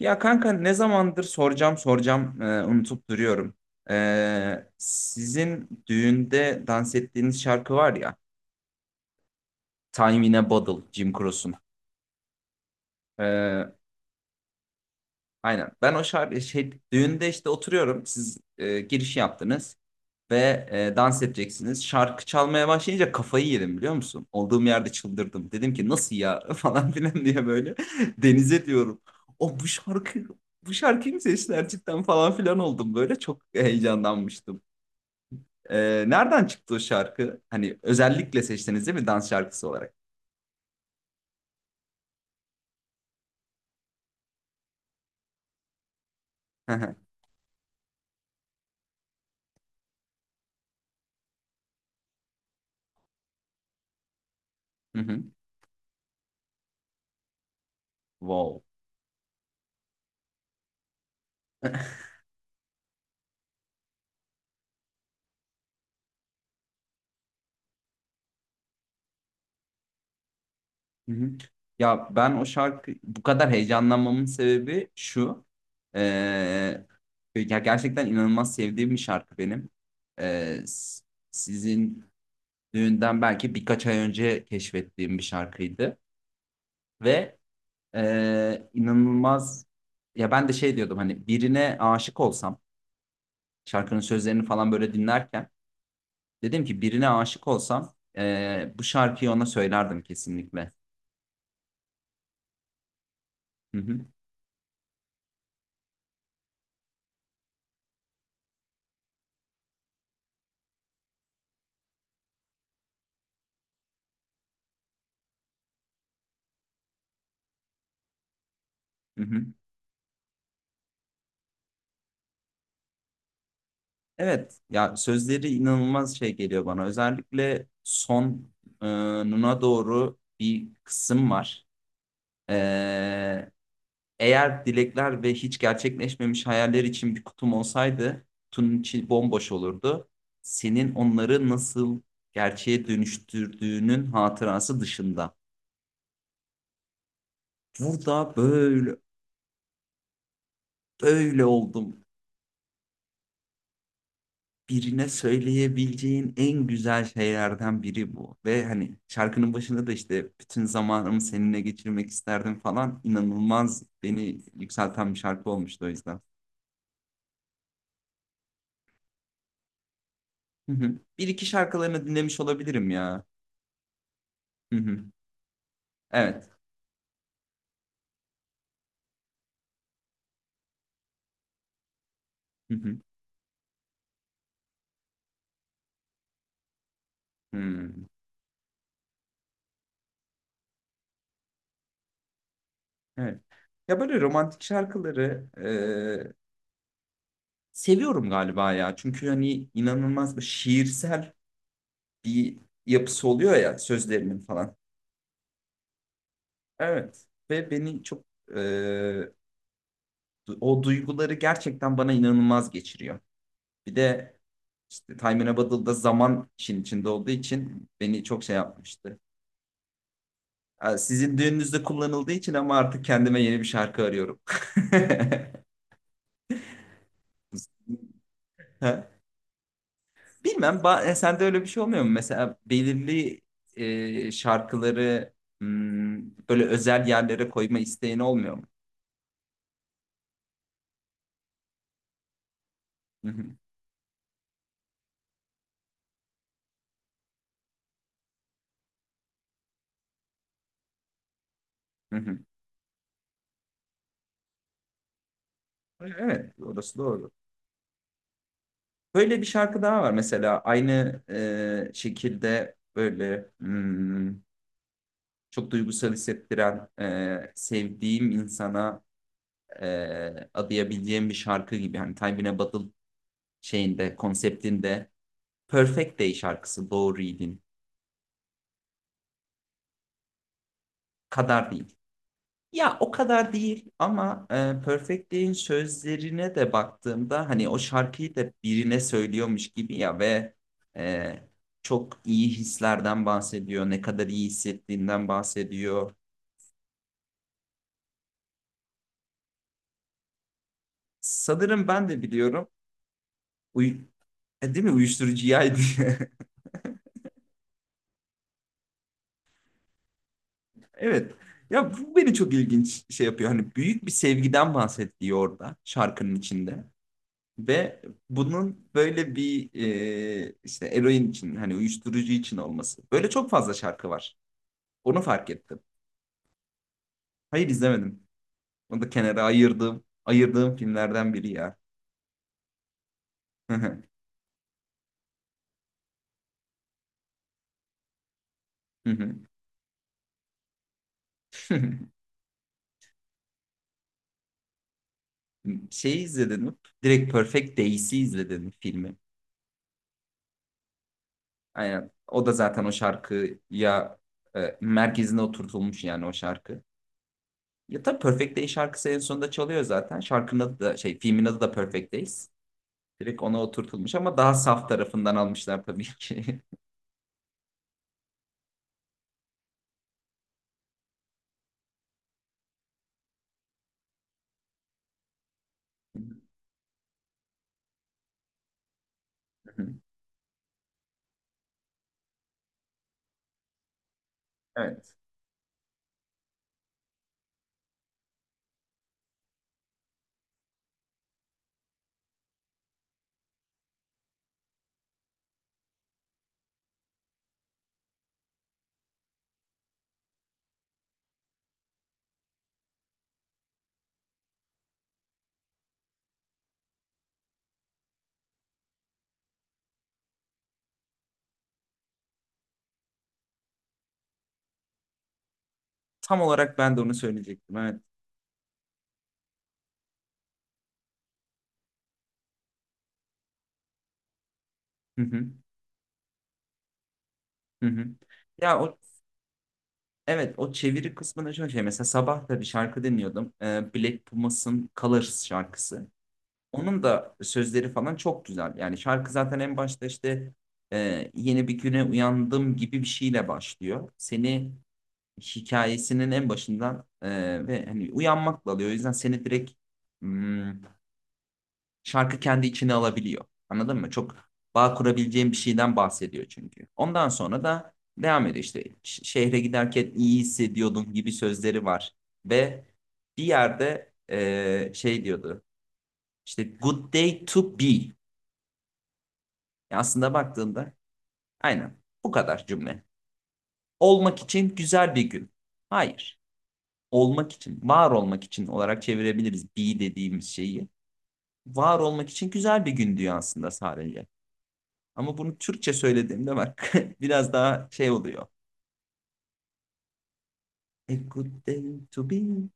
Ya kanka ne zamandır soracağım soracağım unutup duruyorum. Sizin düğünde dans ettiğiniz şarkı var ya. Time in a Bottle, Jim Croce'un. E, aynen. Ben o şarkı şey, düğünde işte oturuyorum. Siz giriş yaptınız ve dans edeceksiniz. Şarkı çalmaya başlayınca kafayı yedim biliyor musun? Olduğum yerde çıldırdım. Dedim ki nasıl ya falan filan diye böyle denize diyorum. O, bu şarkıyı mı seçtiler cidden falan filan oldum böyle çok heyecanlanmıştım. E, Nereden çıktı o şarkı? Hani özellikle seçtiniz değil mi dans şarkısı olarak? Hı hı. Wow. Hı hı. Ya ben o şarkı bu kadar heyecanlanmamın sebebi şu. Ee, Ya gerçekten inanılmaz sevdiğim bir şarkı benim. Ee, s- Sizin düğünden belki birkaç ay önce keşfettiğim bir şarkıydı. Ve inanılmaz ya ben de şey diyordum hani birine aşık olsam şarkının sözlerini falan böyle dinlerken dedim ki birine aşık olsam bu şarkıyı ona söylerdim kesinlikle. Hı hı, hı hı. Evet ya sözleri inanılmaz şey geliyor bana. Özellikle sonuna doğru bir kısım var. Ee, Eğer dilekler ve hiç gerçekleşmemiş hayaller için bir kutum olsaydı kutunun içi bomboş olurdu. Senin onları nasıl gerçeğe dönüştürdüğünün hatırası dışında. Burada böyle böyle oldum. Birine söyleyebileceğin en güzel şeylerden biri bu. Ve hani şarkının başında da işte bütün zamanımı seninle geçirmek isterdim falan inanılmaz beni yükselten bir şarkı olmuştu o yüzden. Hı hı. Bir iki şarkılarını dinlemiş olabilirim ya. Hı hı. Evet. Hı hı. Hmm. Evet. Ya böyle romantik şarkıları e, seviyorum galiba ya. Çünkü hani inanılmaz bir şiirsel bir yapısı oluyor ya sözlerinin falan. Evet. Ve beni çok e, o duyguları gerçekten bana inanılmaz geçiriyor. Bir de işte Time in a Bottle'da zaman işin içinde olduğu için beni çok şey yapmıştı. Sizin düğününüzde kullanıldığı için ama artık kendime yeni bir şarkı arıyorum. Ha, bilmem sende öyle bir şey olmuyor mu? Mesela belirli şarkıları böyle özel yerlere koyma isteğin olmuyor mu? Hı hı, hı hı. Evet, orası doğru. Böyle bir şarkı daha var mesela aynı şekilde böyle çok duygusal hissettiren sevdiğim insana adayabileceğim bir şarkı gibi. Hani Time in a Bottle şeyinde konseptinde Perfect Day şarkısı Doğru Reading kadar değil. Ya o kadar değil ama Perfect Day'in sözlerine de baktığımda hani o şarkıyı da birine söylüyormuş gibi ya ve e, çok iyi hislerden bahsediyor, ne kadar iyi hissettiğinden bahsediyor. Sanırım ben de biliyorum. Uy değil mi? Uyuşturucuyaydı. Evet. Ya bu beni çok ilginç şey yapıyor. Hani büyük bir sevgiden bahsediyor orada şarkının içinde. Ve bunun böyle bir işte eroin için hani uyuşturucu için olması. Böyle çok fazla şarkı var. Onu fark ettim. Hayır, izlemedim. Onu da kenara ayırdım. Ayırdığım filmlerden biri ya. Şeyi izledim. Direkt Perfect Days'i izledim filmi. Aynen. O da zaten o şarkıya merkezine oturtulmuş yani o şarkı. Ya tabii Perfect Days şarkısı en sonunda çalıyor zaten. Şarkının adı da şey filmin adı da Perfect Days. Direkt ona oturtulmuş ama daha saf tarafından almışlar tabii ki. Evet. Tam olarak ben de onu söyleyecektim. Evet. Hı hı. Hı hı. Ya o evet o çeviri kısmında şöyle şey mesela sabah da bir şarkı dinliyordum. Black Pumas'ın Colors şarkısı. Onun da sözleri falan çok güzel. Yani şarkı zaten en başta işte yeni bir güne uyandım gibi bir şeyle başlıyor. Seni hikayesinin en başından ve hani uyanmakla alıyor. O yüzden seni direkt hmm, şarkı kendi içine alabiliyor. Anladın mı? Çok bağ kurabileceğim bir şeyden bahsediyor çünkü. Ondan sonra da devam ediyor işte şehre giderken iyi hissediyordum gibi sözleri var. Ve bir yerde şey diyordu işte good day to be. Yani aslında baktığında aynen bu kadar cümle. Olmak için güzel bir gün. Hayır. Olmak için, var olmak için olarak çevirebiliriz be dediğimiz şeyi. Var olmak için güzel bir gün diyor aslında sadece. Ama bunu Türkçe söylediğimde bak biraz daha şey oluyor. A good day to be.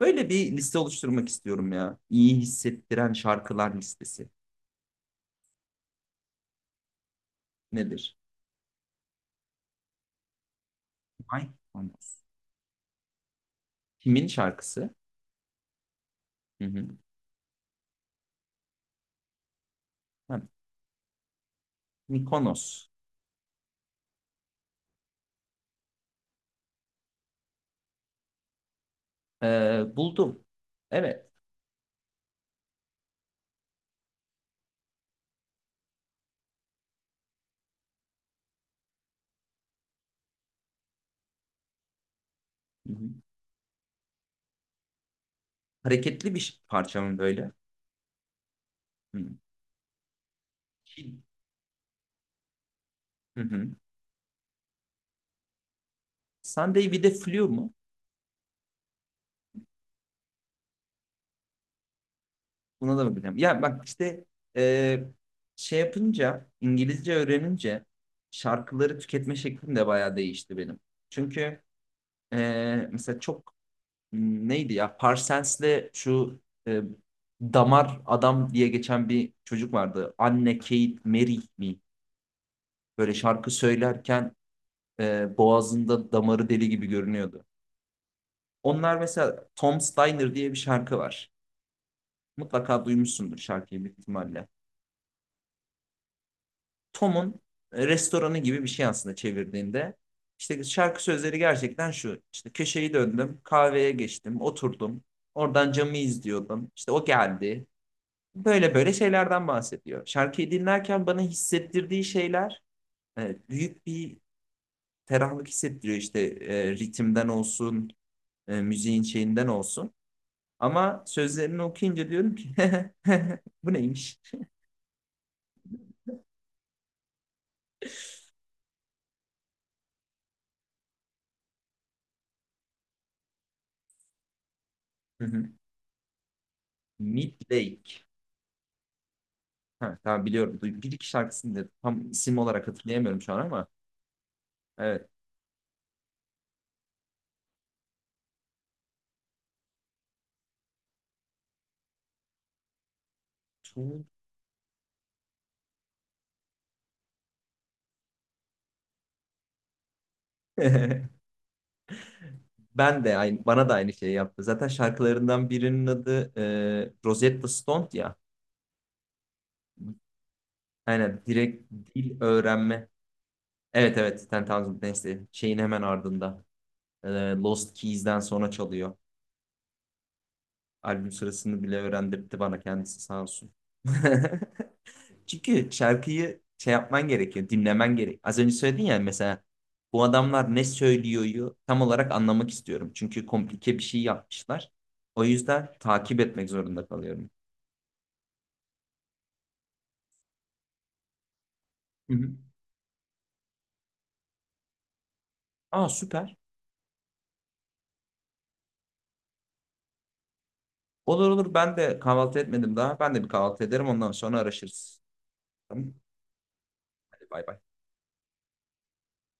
Böyle bir liste oluşturmak istiyorum ya. İyi hissettiren şarkılar listesi. Nedir? Mykonos. Kimin şarkısı? Hı hı. Ha, Mykonos. Buldum. Evet. Hı hı. Hareketli bir parça mı böyle? Hı. Hı hı. Sunday with a Flu mu? Buna da bakacağım. Ya bak işte e, şey yapınca, İngilizce öğrenince şarkıları tüketme şeklim de bayağı değişti benim. Çünkü mesela çok neydi ya Parsons'le şu e, Damar Adam diye geçen bir çocuk vardı. Anne Kate Merih mi? Böyle şarkı söylerken boğazında damarı deli gibi görünüyordu. Onlar mesela Tom Steiner diye bir şarkı var. Mutlaka duymuşsundur şarkıyı büyük ihtimalle. Tom'un restoranı gibi bir şey aslında çevirdiğinde. İşte şarkı sözleri gerçekten şu. İşte köşeyi döndüm, kahveye geçtim, oturdum. Oradan camı izliyordum. İşte o geldi. Böyle böyle şeylerden bahsediyor. Şarkıyı dinlerken bana hissettirdiği şeyler büyük bir ferahlık hissettiriyor. İşte ritimden olsun, müziğin şeyinden olsun. Ama sözlerini okuyunca diyorum ki bu neymiş? Midlake. Ha, tamam biliyorum. Bir iki şarkısını da tam isim olarak hatırlayamıyorum şu an ama. Evet. Çok- Ben de aynı, bana da aynı şeyi yaptı. Zaten şarkılarından birinin adı Rosetta Stone ya. Aynen direkt dil öğrenme. Evet, evet, Ten Thousand Dance'de şeyin hemen ardında. E, Lost Keys'den sonra çalıyor. Albüm sırasını bile öğrendirdi bana kendisi sağ olsun. Çünkü şarkıyı şey yapman gerekiyor, dinlemen gerek. Az önce söyledin ya mesela bu adamlar ne söylüyoryu tam olarak anlamak istiyorum. Çünkü komplike bir şey yapmışlar. O yüzden takip etmek zorunda kalıyorum. Hı hı. Aa, süper. Olur olur, ben de kahvaltı etmedim daha. Ben de bir kahvaltı ederim ondan sonra araşırız. Tamam. Hadi bay bay.